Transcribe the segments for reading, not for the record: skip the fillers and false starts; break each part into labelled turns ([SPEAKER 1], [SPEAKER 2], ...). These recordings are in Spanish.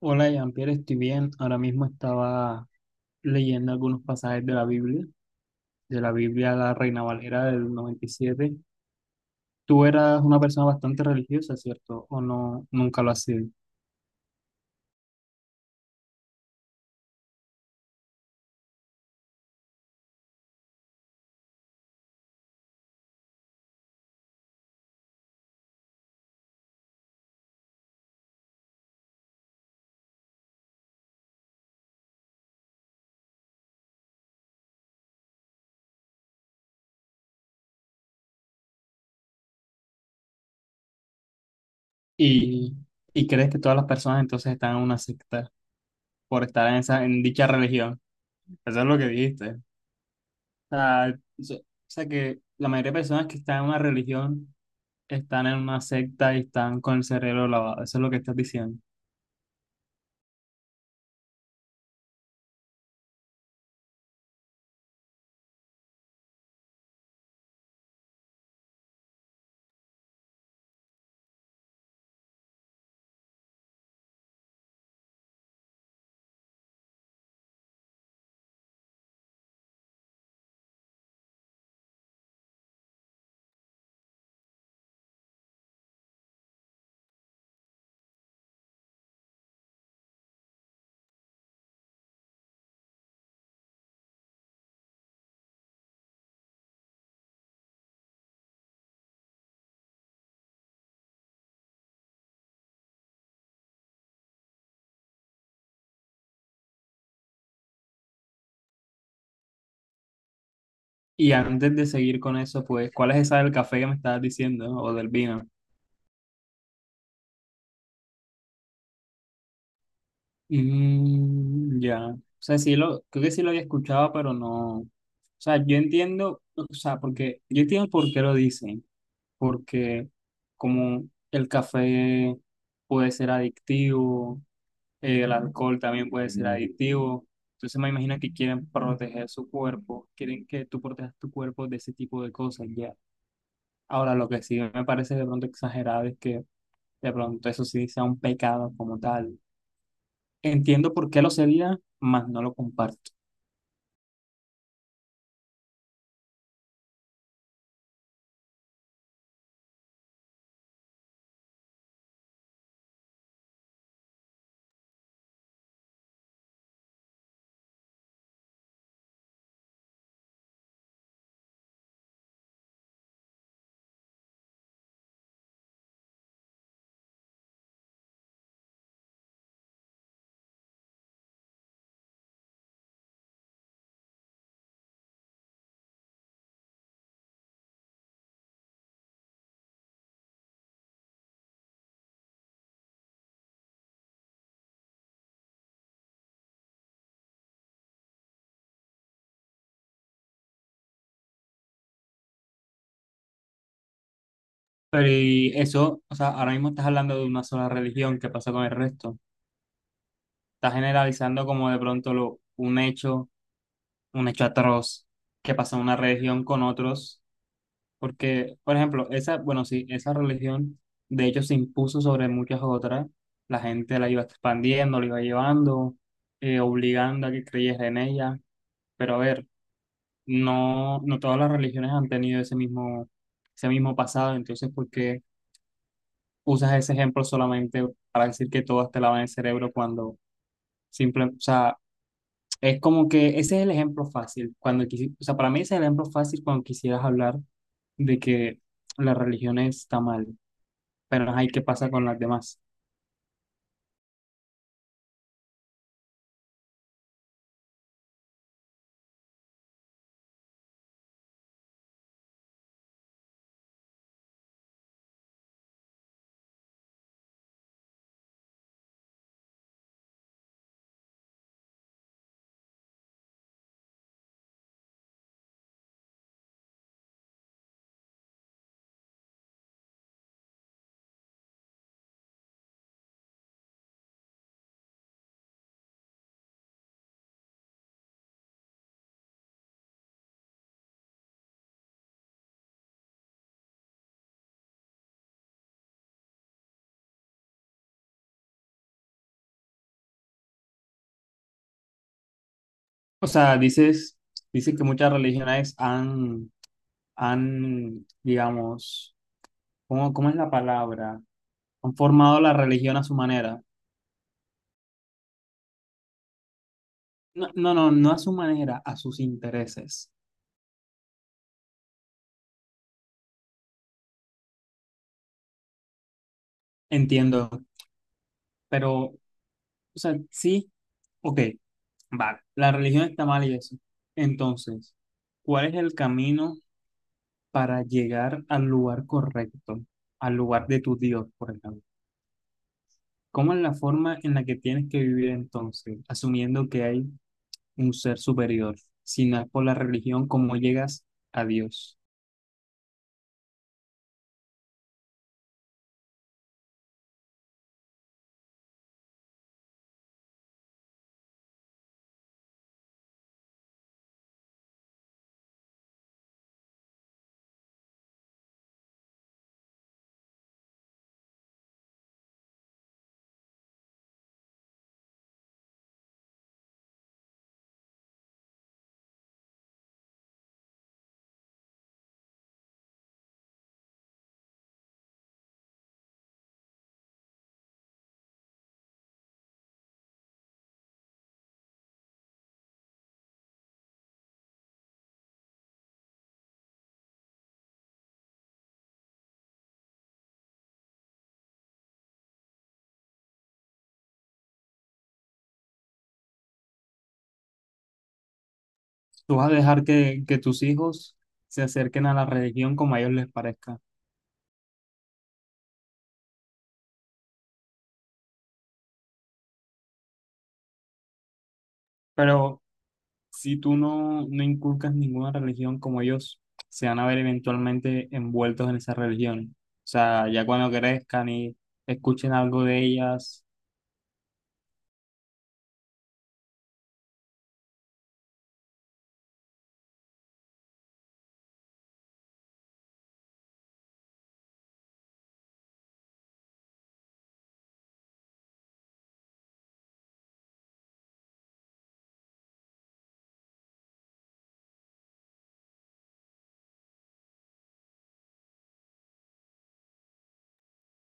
[SPEAKER 1] Hola, Jean-Pierre, estoy bien. Ahora mismo estaba leyendo algunos pasajes de la Biblia La Reina Valera del noventa y siete. Tú eras una persona bastante religiosa, ¿cierto? ¿O no, nunca lo has sido? ¿Y, y crees que todas las personas entonces están en una secta por estar en esa, en dicha religión? Eso es lo que dijiste. O sea, o sea que la mayoría de personas que están en una religión están en una secta y están con el cerebro lavado. Eso es lo que estás diciendo. Y antes de seguir con eso, pues, ¿cuál es esa del café que me estabas diciendo o del vino? Mm, ya. O sea, creo que sí lo había escuchado, pero no. O sea, yo entiendo, o sea, porque yo entiendo por qué lo dicen, porque como el café puede ser adictivo, el alcohol también puede ser adictivo, entonces me imagino que quieren proteger su cuerpo, quieren que tú protejas tu cuerpo de ese tipo de cosas, ya. Ahora, lo que sí me parece de pronto exagerado es que de pronto eso sí sea un pecado como tal. Entiendo por qué lo sería, mas no lo comparto. Pero y eso, o sea, ahora mismo estás hablando de una sola religión, ¿qué pasa con el resto? Estás generalizando como de pronto un hecho, atroz que pasa en una religión con otros, porque, por ejemplo, esa, bueno, sí, esa religión de hecho se impuso sobre muchas otras, la gente la iba expandiendo, la iba llevando, obligando a que creyes en ella, pero a ver. No todas las religiones han tenido ese mismo pasado, entonces, ¿por qué usas ese ejemplo solamente para decir que todas te lavan el cerebro cuando simple, o sea, es como que ese es el ejemplo fácil, cuando o sea, para mí ese es el ejemplo fácil cuando quisieras hablar de que la religión está mal, pero hay ¿qué pasa con las demás? O sea, dices, dices que muchas religiones han, han, digamos, ¿cómo, cómo es la palabra? Han formado la religión a su manera. No, no, no, no a su manera, a sus intereses. Entiendo, pero, o sea, sí, ok, vale, la religión está mal y eso. Entonces, ¿cuál es el camino para llegar al lugar correcto, al lugar de tu Dios, por ejemplo? ¿Cómo es la forma en la que tienes que vivir entonces, asumiendo que hay un ser superior? Si no es por la religión, ¿cómo llegas a Dios? ¿Tú vas a dejar que, tus hijos se acerquen a la religión como a ellos les parezca? Pero si tú no inculcas ninguna religión como ellos, se van a ver eventualmente envueltos en esas religiones. O sea, ya cuando crezcan y escuchen algo de ellas.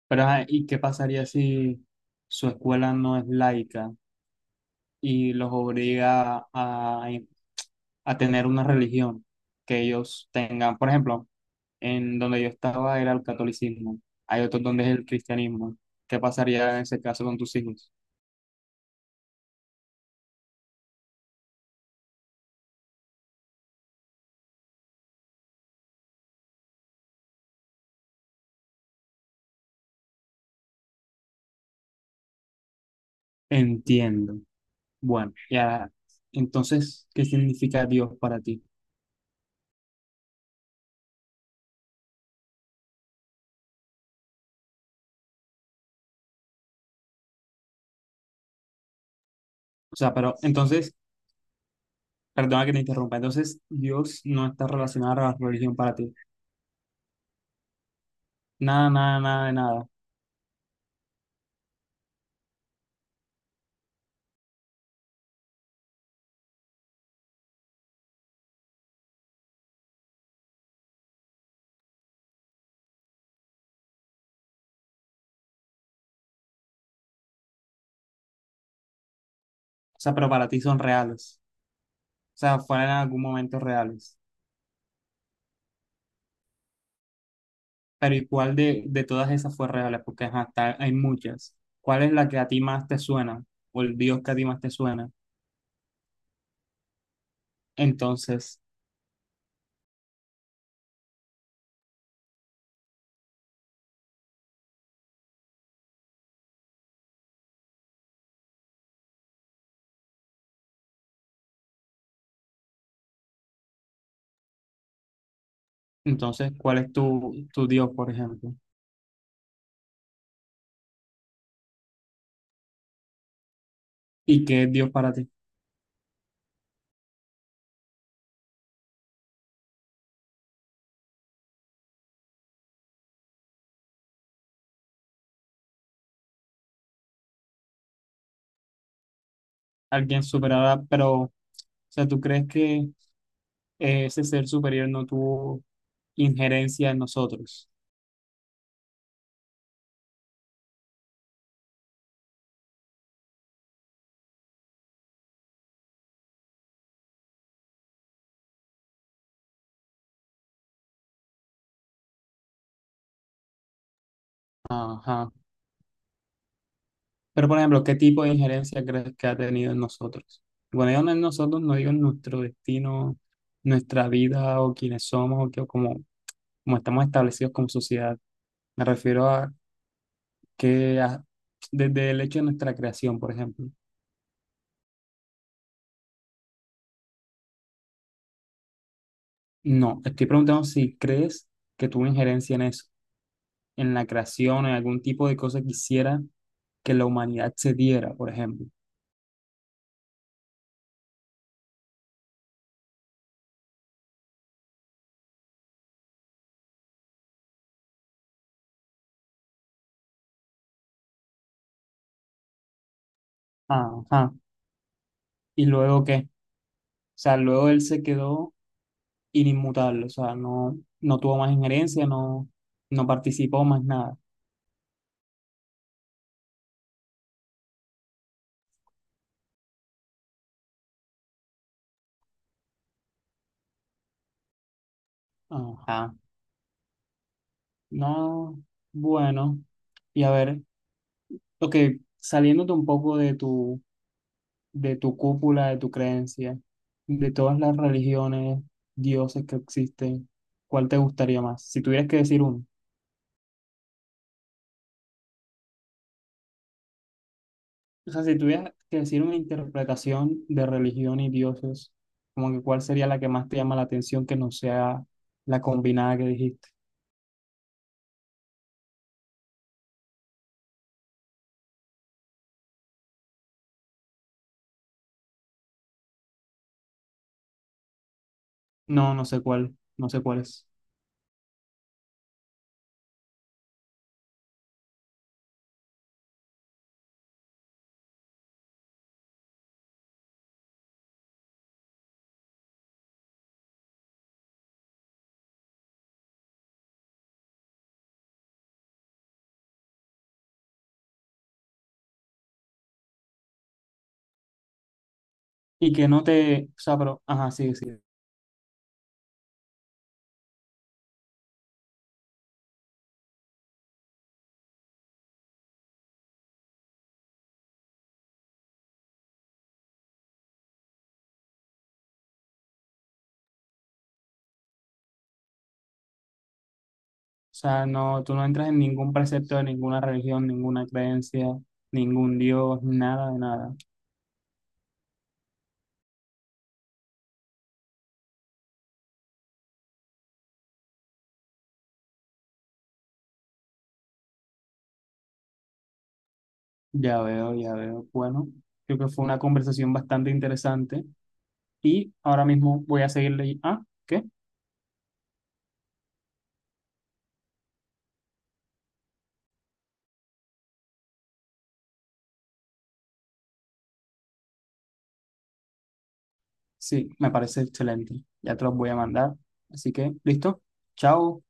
[SPEAKER 1] Pero, ajá, ¿y qué pasaría si su escuela no es laica y los obliga a tener una religión que ellos tengan? Por ejemplo, en donde yo estaba era el catolicismo, hay otros donde es el cristianismo. ¿Qué pasaría en ese caso con tus hijos? Entiendo. Bueno, ya. Entonces, ¿qué significa Dios para ti? O sea, pero entonces, perdona que te interrumpa. Entonces, Dios no está relacionado a la religión para ti. Nada, nada, nada de nada. O sea, pero para ti son reales. O sea, fueron en algún momento reales. Pero ¿y cuál de todas esas fue real? Porque ajá, hay muchas. ¿Cuál es la que a ti más te suena? O el Dios que a ti más te suena. Entonces, entonces, ¿cuál es tu Dios, por ejemplo? ¿Y qué es Dios para ti? Alguien superará, pero, o sea, ¿tú crees que ese ser superior no tuvo injerencia en nosotros. Ajá. Pero, por ejemplo, ¿qué tipo de injerencia crees que ha tenido en nosotros? Bueno, yo no en nosotros, no digo en nuestro destino, nuestra vida o quiénes somos o, que, o como, como estamos establecidos como sociedad. Me refiero a que desde el hecho de nuestra creación, por ejemplo. No, estoy preguntando si crees que tuvo injerencia en eso, en la creación, en algún tipo de cosa que hiciera que la humanidad se diera, por ejemplo. Ajá. ¿Y luego qué? O sea, luego él se quedó inmutable, o sea, no, no tuvo más injerencia, no, no participó más nada. Ajá. No, bueno. Y a ver, ok, saliéndote un poco de tu cúpula, de tu creencia, de todas las religiones, dioses que existen, ¿cuál te gustaría más? Si tuvieras que decir uno. O sea, si tuvieras que decir una interpretación de religión y dioses, como que cuál sería la que más te llama la atención que no sea la combinada que dijiste. No, no sé cuál, no sé cuál es. Y que no te, o sea, pero, ajá, sí, sí. O sea, no, tú no entras en ningún precepto de ninguna religión, ninguna creencia, ningún dios, nada de nada. Ya veo, ya veo. Bueno, creo que fue una conversación bastante interesante y ahora mismo voy a seguirle. Ah, ¿qué? Sí, me parece excelente. Ya te los voy a mandar. Así que, listo. Chao.